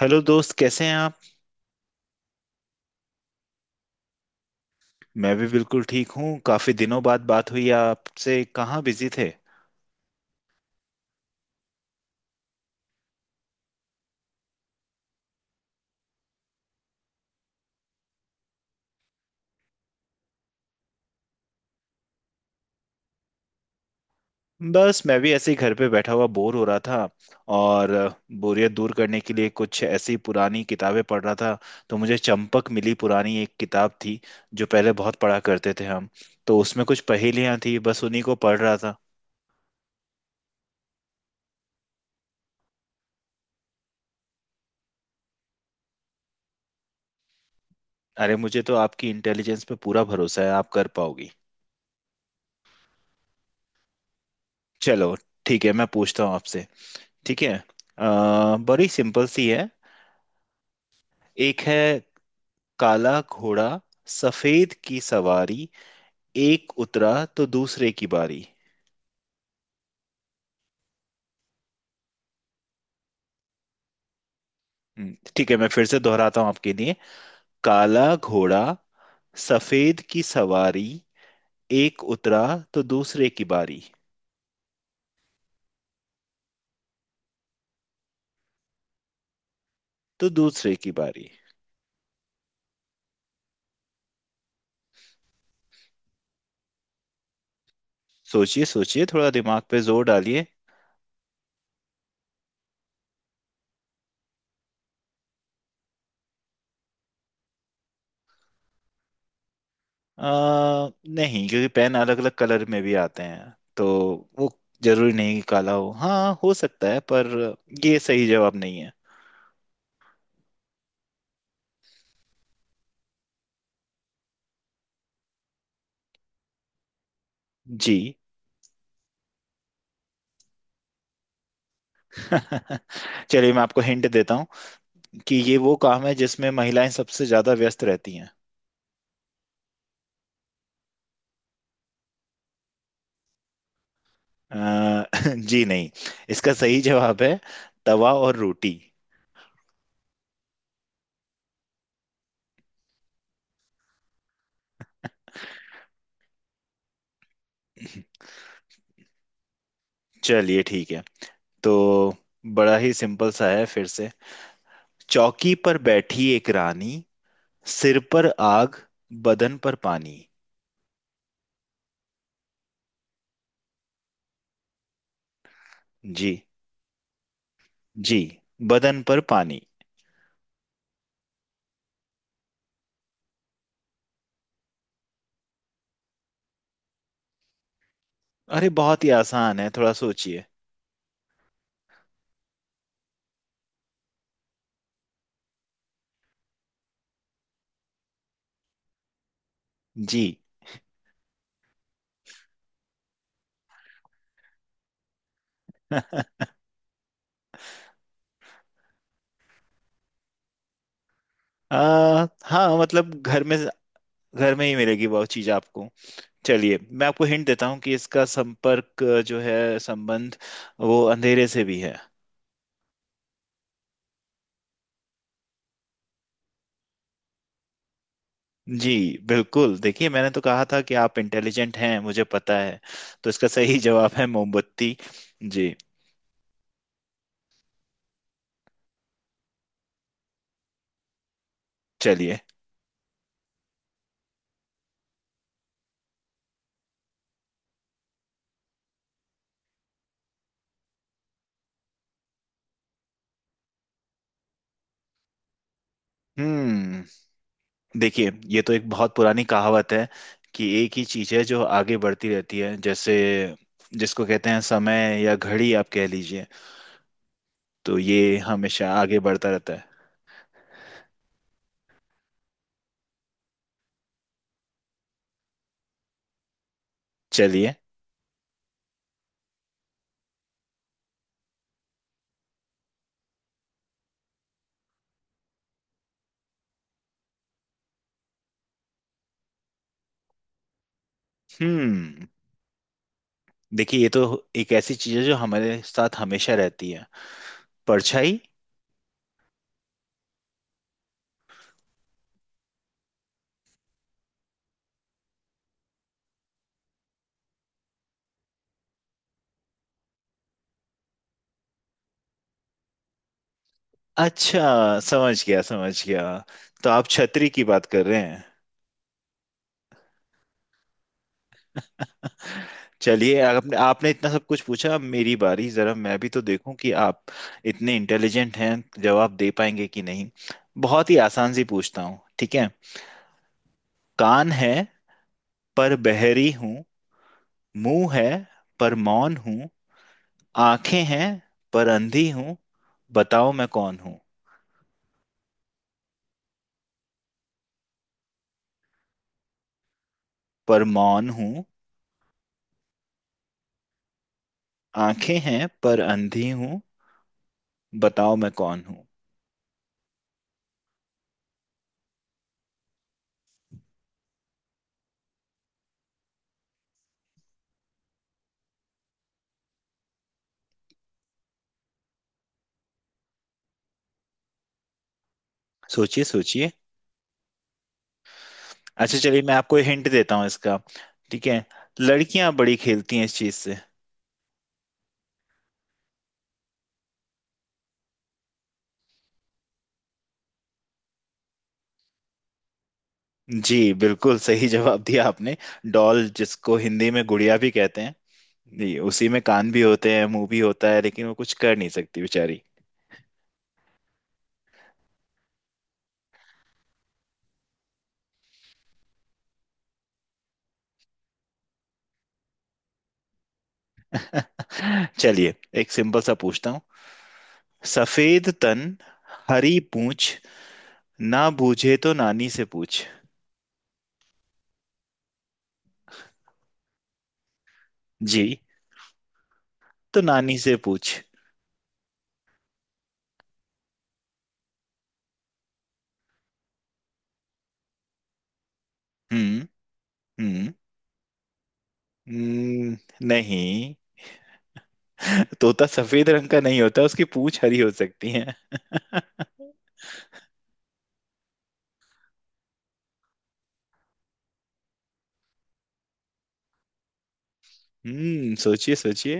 Hello दोस्त कैसे हैं आप। मैं भी बिल्कुल ठीक हूँ, काफी दिनों बाद बात हुई आपसे, कहाँ बिजी थे। बस मैं भी ऐसे ही घर पे बैठा हुआ बोर हो रहा था, और अ, बोरियत दूर करने के लिए कुछ ऐसी पुरानी किताबें पढ़ रहा था। तो मुझे चंपक मिली, पुरानी एक किताब थी जो पहले बहुत पढ़ा करते थे हम। तो उसमें कुछ पहेलियां थी, बस उन्हीं को पढ़ रहा था। अरे मुझे तो आपकी इंटेलिजेंस पे पूरा भरोसा है, आप कर पाओगी। चलो ठीक है, मैं पूछता हूँ आपसे। ठीक है, बड़ी सिंपल सी है। एक है, काला घोड़ा सफेद की सवारी, एक उतरा तो दूसरे की बारी। ठीक है, मैं फिर से दोहराता हूँ आपके लिए। काला घोड़ा सफेद की सवारी, एक उतरा तो दूसरे की बारी। तो दूसरे की बारी। सोचिए सोचिए, थोड़ा दिमाग पे जोर डालिए। आ, नहीं, क्योंकि पेन अलग अलग कलर में भी आते हैं, तो वो जरूरी नहीं कि काला हो। हाँ हो सकता है, पर ये सही जवाब नहीं है। जी। चलिए मैं आपको हिंट देता हूँ कि ये वो काम है जिसमें महिलाएं सबसे ज्यादा व्यस्त रहती हैं। अ, जी नहीं। इसका सही जवाब है तवा और रोटी। चलिए ठीक है, तो बड़ा ही सिंपल सा है फिर से। चौकी पर बैठी एक रानी, सिर पर आग, बदन पर पानी। जी। जी, बदन पर पानी। अरे बहुत ही आसान है, थोड़ा सोचिए। जी। हाँ मतलब घर में, घर में ही मिलेगी वो चीज आपको। चलिए मैं आपको हिंट देता हूँ कि इसका संपर्क जो है संबंध, वो अंधेरे से भी है। जी बिल्कुल, देखिए मैंने तो कहा था कि आप इंटेलिजेंट हैं, मुझे पता है। तो इसका सही जवाब है मोमबत्ती। जी। चलिए। हम्म, देखिए ये तो एक बहुत पुरानी कहावत है कि एक ही चीज है जो आगे बढ़ती रहती है, जैसे जिसको कहते हैं समय या घड़ी, आप कह लीजिए। तो ये हमेशा आगे बढ़ता रहता है। चलिए। हम्म, देखिए ये तो एक ऐसी चीज है जो हमारे साथ हमेशा रहती है, परछाई। अच्छा समझ गया समझ गया, तो आप छतरी की बात कर रहे हैं। चलिए, आपने आपने इतना सब कुछ पूछा, अब मेरी बारी, जरा मैं भी तो देखूं कि आप इतने इंटेलिजेंट हैं, जवाब दे पाएंगे कि नहीं। बहुत ही आसान सी पूछता हूँ, ठीक है। कान है पर बहरी हूँ, मुंह है पर मौन हूँ, आंखें हैं पर अंधी हूँ, बताओ मैं कौन हूँ। पर मौन हूँ, आंखें हैं पर अंधी हूँ, बताओ मैं कौन हूँ। सोचिए सोचिए। अच्छा चलिए मैं आपको हिंट देता हूँ इसका। ठीक है, लड़कियां बड़ी खेलती हैं इस चीज से। जी बिल्कुल सही जवाब दिया आपने। डॉल, जिसको हिंदी में गुड़िया भी कहते हैं। जी, उसी में कान भी होते हैं, मुंह भी होता है, लेकिन वो कुछ कर नहीं सकती बेचारी। चलिए, एक सिंपल सा पूछता हूँ। सफेद तन, हरी पूछ, ना बूझे तो नानी से पूछ। जी। तो नानी से पूछ। हम्म। हम्म, हम्म, नहीं। तोता सफेद रंग का नहीं होता, उसकी पूंछ हरी हो सकती है। हम्म, सोचिए सोचिए।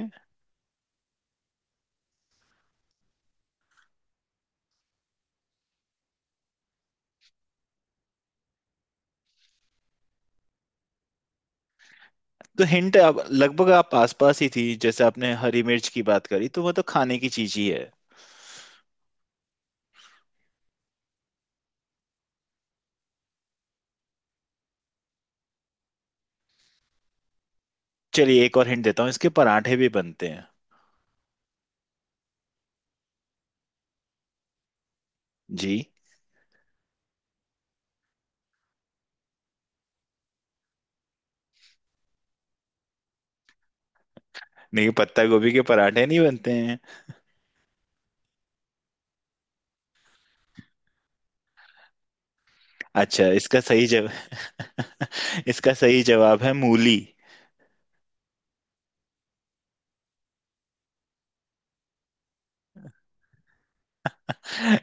तो हिंट अब लगभग आप आस पास ही थी, जैसे आपने हरी मिर्च की बात करी, तो वो तो खाने की चीज ही है। चलिए एक और हिंट देता हूँ, इसके पराठे भी बनते हैं। जी। नहीं, पत्ता गोभी के पराठे नहीं बनते हैं। अच्छा, इसका सही जवाब इसका सही जवाब है मूली।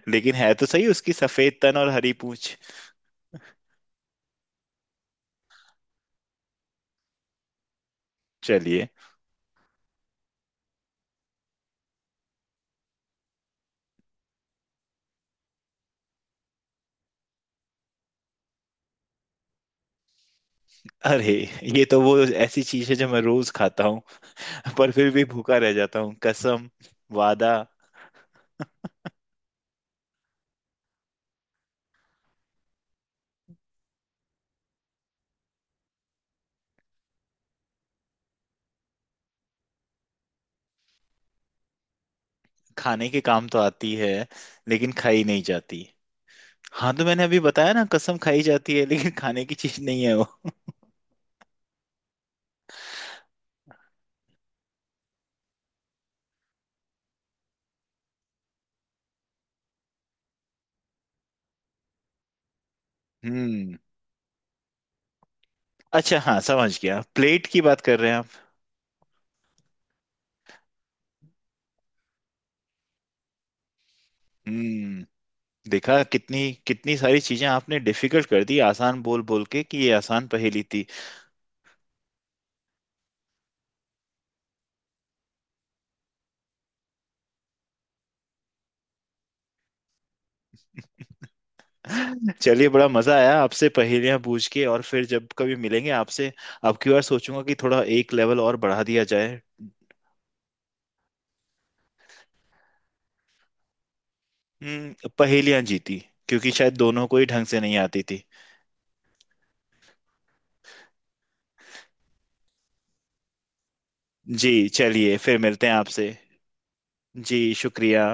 लेकिन है तो सही उसकी सफेद तन और हरी पूंछ। चलिए। अरे ये तो वो ऐसी चीज है जो मैं रोज खाता हूँ, पर फिर भी भूखा रह जाता हूँ। कसम, वादा। खाने के काम तो आती है, लेकिन खाई नहीं जाती। हाँ, तो मैंने अभी बताया ना, कसम खाई जाती है लेकिन खाने की चीज नहीं है वो। हम्म। अच्छा हाँ समझ गया, प्लेट की बात कर रहे हैं आप। हम्म। देखा, कितनी कितनी सारी चीजें आपने डिफिकल्ट कर दी, आसान बोल बोल के कि ये आसान पहेली थी। चलिए, बड़ा मजा आया आपसे पहेलियां पूछ के, और फिर जब कभी मिलेंगे आपसे अब की बार सोचूंगा कि थोड़ा एक लेवल और बढ़ा दिया जाए। पहेलियां जीती, क्योंकि शायद दोनों को ही ढंग से नहीं आती थी। जी चलिए, फिर मिलते हैं आपसे। जी शुक्रिया।